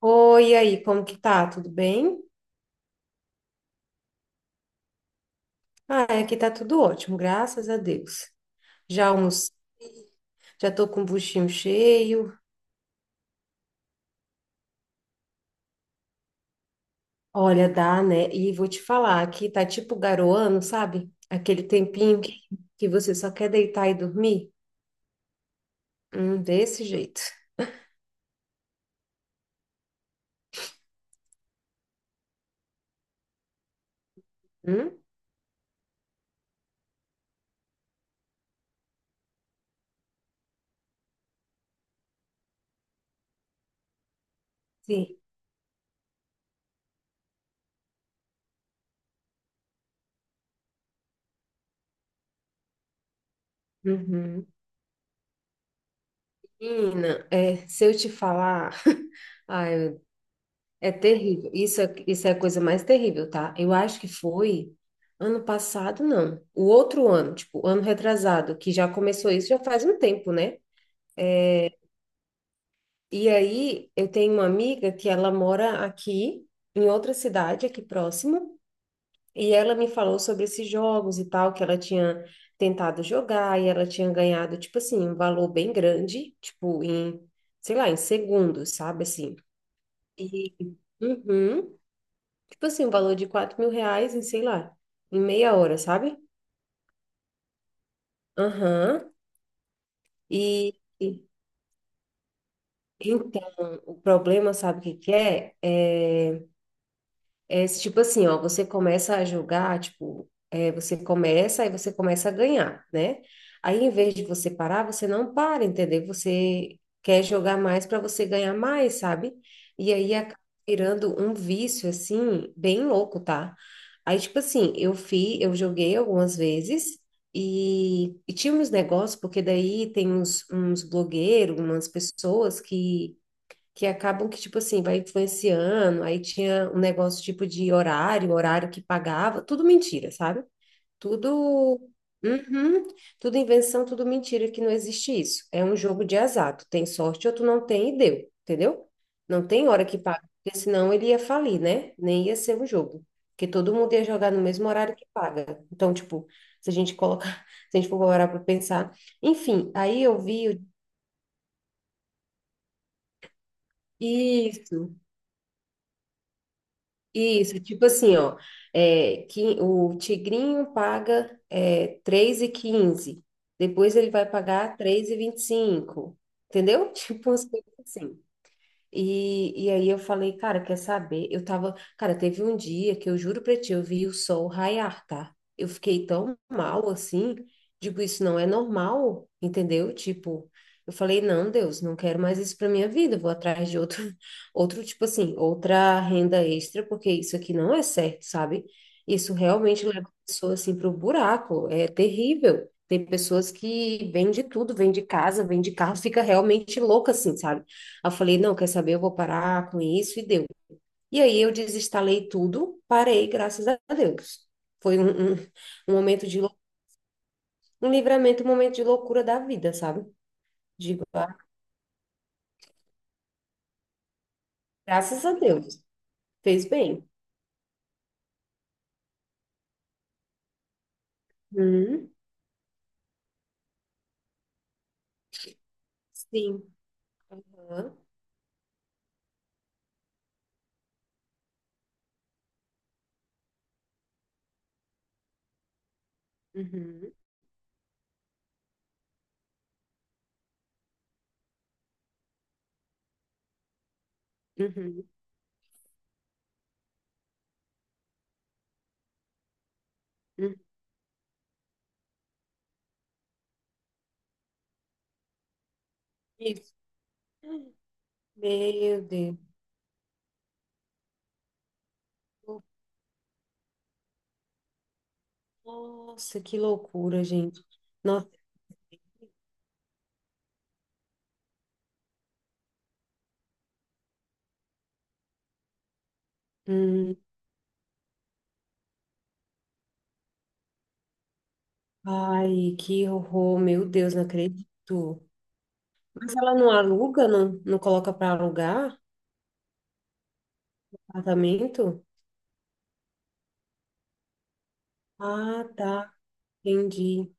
Oi, e aí, como que tá? Tudo bem? Ah, aqui tá tudo ótimo, graças a Deus. Já almocei, já tô com o buchinho cheio. Olha, dá, né? E vou te falar, aqui tá tipo garoando, sabe? Aquele tempinho que você só quer deitar e dormir. Desse jeito. Hum? Sim. Uhum. Menina, é, se eu te falar, ai, é terrível. Isso é a coisa mais terrível, tá? Eu acho que foi ano passado, não. O outro ano, tipo, ano retrasado, que já começou isso já faz um tempo, né? E aí eu tenho uma amiga que ela mora aqui, em outra cidade, aqui próximo, e ela me falou sobre esses jogos e tal, que ela tinha tentado jogar e ela tinha ganhado, tipo assim, um valor bem grande, tipo, em, sei lá, em segundos, sabe assim? E. Uhum. Tipo assim, um valor de R$ 4.000 em, sei lá, em meia hora, sabe? Aham. E, e- então, o problema, sabe o que que é? É esse tipo assim, ó, você começa a jogar, tipo, é, você começa, aí você começa a ganhar, né? Aí, em vez de você parar, você não para, entendeu? Você quer jogar mais para você ganhar mais, sabe? E aí acaba virando um vício, assim, bem louco, tá? Aí, tipo assim, eu fiz, eu joguei algumas vezes e tinha uns negócios, porque daí tem uns blogueiros, umas pessoas que acabam que, tipo assim, vai influenciando. Aí tinha um negócio tipo de horário, um horário que pagava, tudo mentira, sabe? Tudo. Uhum, tudo invenção, tudo mentira, que não existe isso. É um jogo de azar. Tu tem sorte ou tu não tem e deu, entendeu? Não tem hora que paga, porque senão ele ia falir, né? Nem ia ser um jogo. Porque todo mundo ia jogar no mesmo horário que paga. Então, tipo, se a gente colocar, se a gente for parar para pensar. Enfim, aí eu vi isso. Isso, tipo assim, ó, é, que o tigrinho paga é, 3h15, depois ele vai pagar três e 25, entendeu? Tipo umas coisas assim. E aí eu falei, cara, quer saber? Eu tava, cara, teve um dia que eu juro pra ti, eu vi o sol raiar, tá? Eu fiquei tão mal assim, digo, isso não é normal, entendeu? Tipo, eu falei, não, Deus, não quero mais isso pra minha vida, eu vou atrás de outro, outro tipo assim, outra renda extra, porque isso aqui não é certo, sabe? Isso realmente leva a pessoa assim pro buraco, é terrível. Tem pessoas que vendem tudo, vende casa, vende carro, fica realmente louca assim, sabe? Aí eu falei, não, quer saber, eu vou parar com isso e deu. E aí eu desinstalei tudo, parei, graças a Deus. Foi um momento de um livramento, um momento de loucura da vida, sabe? Digo, ah, graças a Deus, fez bem. Uhum. Sim. Hã? Uhum. Uhum. Uhum. Isso. Meu Deus. Nossa, que loucura, gente. Nossa. Hum. Ai, que horror, meu Deus, não acredito. Mas ela não aluga, não, não coloca para alugar apartamento? Ah, tá, entendi.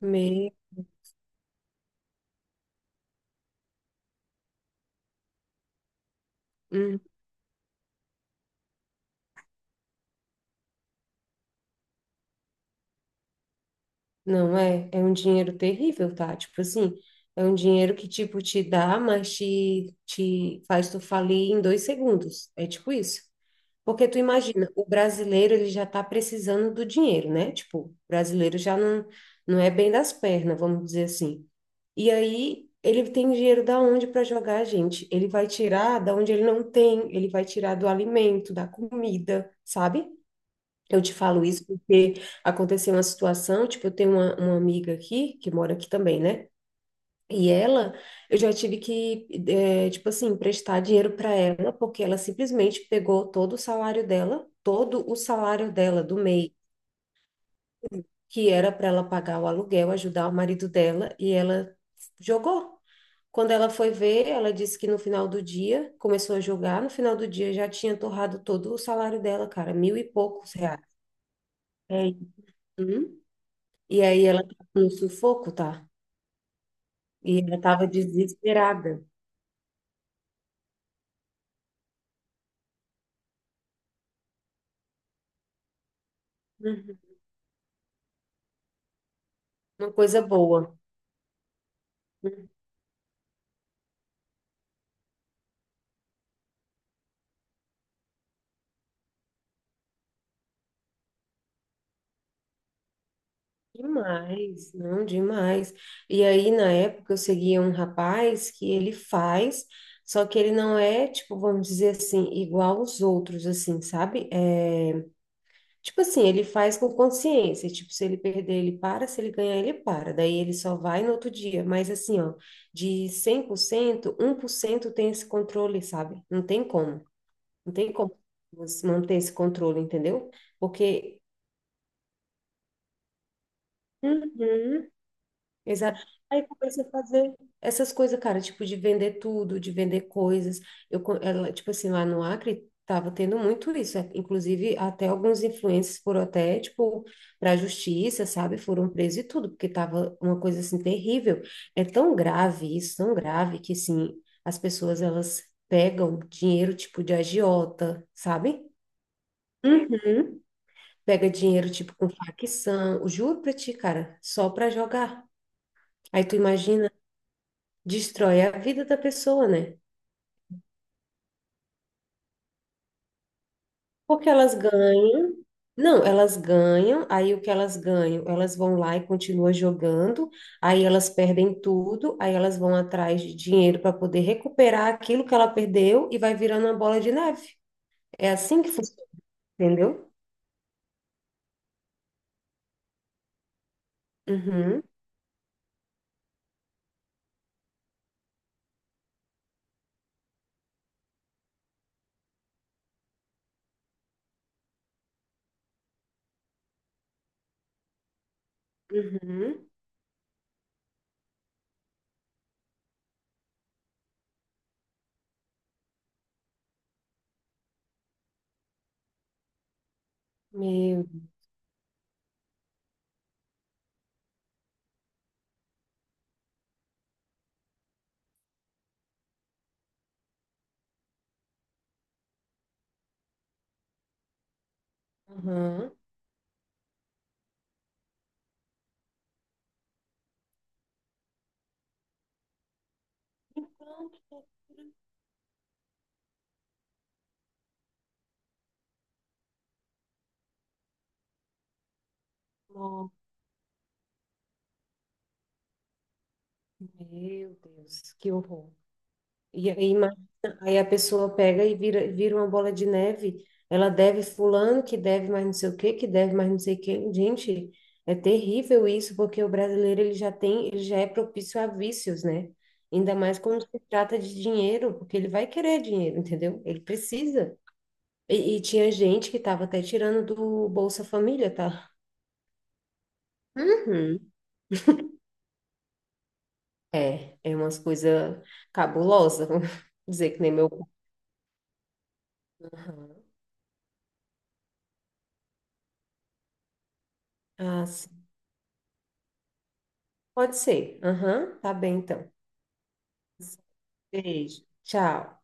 Me... hum, não é, é um dinheiro terrível, tá? Tipo assim, é um dinheiro que tipo te dá, mas te faz tu falir em 2 segundos. É tipo isso. Porque tu imagina, o brasileiro ele já está precisando do dinheiro, né? Tipo, o brasileiro já não, não é bem das pernas, vamos dizer assim. E aí ele tem dinheiro da onde para jogar, gente? Ele vai tirar da onde ele não tem, ele vai tirar do alimento, da comida, sabe? Eu te falo isso porque aconteceu uma situação, tipo, eu tenho uma amiga aqui, que mora aqui também, né? E ela, eu já tive que, eh, tipo assim, emprestar dinheiro para ela, porque ela simplesmente pegou todo o salário dela, todo o salário dela do mês que era para ela pagar o aluguel, ajudar o marido dela, e ela jogou. Quando ela foi ver, ela disse que no final do dia, começou a jogar, no final do dia já tinha torrado todo o salário dela, cara, mil e poucos reais. É. Uhum. E aí ela tá no sufoco, tá? E ela tava desesperada. Uhum. Uma coisa boa. Demais, não, demais. E aí, na época, eu seguia um rapaz que ele faz, só que ele não é, tipo, vamos dizer assim, igual os outros, assim, sabe? É, tipo assim, ele faz com consciência, tipo, se ele perder, ele para, se ele ganhar, ele para, daí ele só vai no outro dia. Mas assim, ó, de 100%, 1% tem esse controle, sabe? Não tem como, não tem como você manter esse controle, entendeu? Porque. Uhum. Exato. Aí comecei a fazer essas coisas, cara, tipo de vender tudo, de vender coisas. Ela, tipo assim, lá no Acre tava tendo muito isso, é, inclusive até alguns influencers foram até, tipo, para a justiça, sabe? Foram presos e tudo, porque tava uma coisa assim terrível. É tão grave isso, tão grave que assim, as pessoas elas pegam dinheiro tipo de agiota, sabe? Uhum. Pega dinheiro tipo com facção, eu juro pra ti, cara, só pra jogar. Aí tu imagina, destrói a vida da pessoa, né? Porque elas ganham, não, elas ganham, aí o que elas ganham? Elas vão lá e continuam jogando, aí elas perdem tudo, aí elas vão atrás de dinheiro para poder recuperar aquilo que ela perdeu e vai virando uma bola de neve. É assim que funciona, entendeu? Uhum, uhum, meu, uhum. Então, nossa, meu Deus, que horror. E aí, aí a pessoa pega e vira, vira uma bola de neve. Ela deve fulano, que deve mais não sei o quê, que deve mais não sei o quê. Gente, é terrível isso, porque o brasileiro ele já tem, ele já é propício a vícios, né? Ainda mais quando se trata de dinheiro, porque ele vai querer dinheiro, entendeu? Ele precisa. E tinha gente que estava até tirando do Bolsa Família, tá? Uhum. É, é umas coisas cabulosas, vamos dizer que nem meu. Uhum. Ah, sim. Pode ser. Aham, tá bem então. Beijo. Tchau.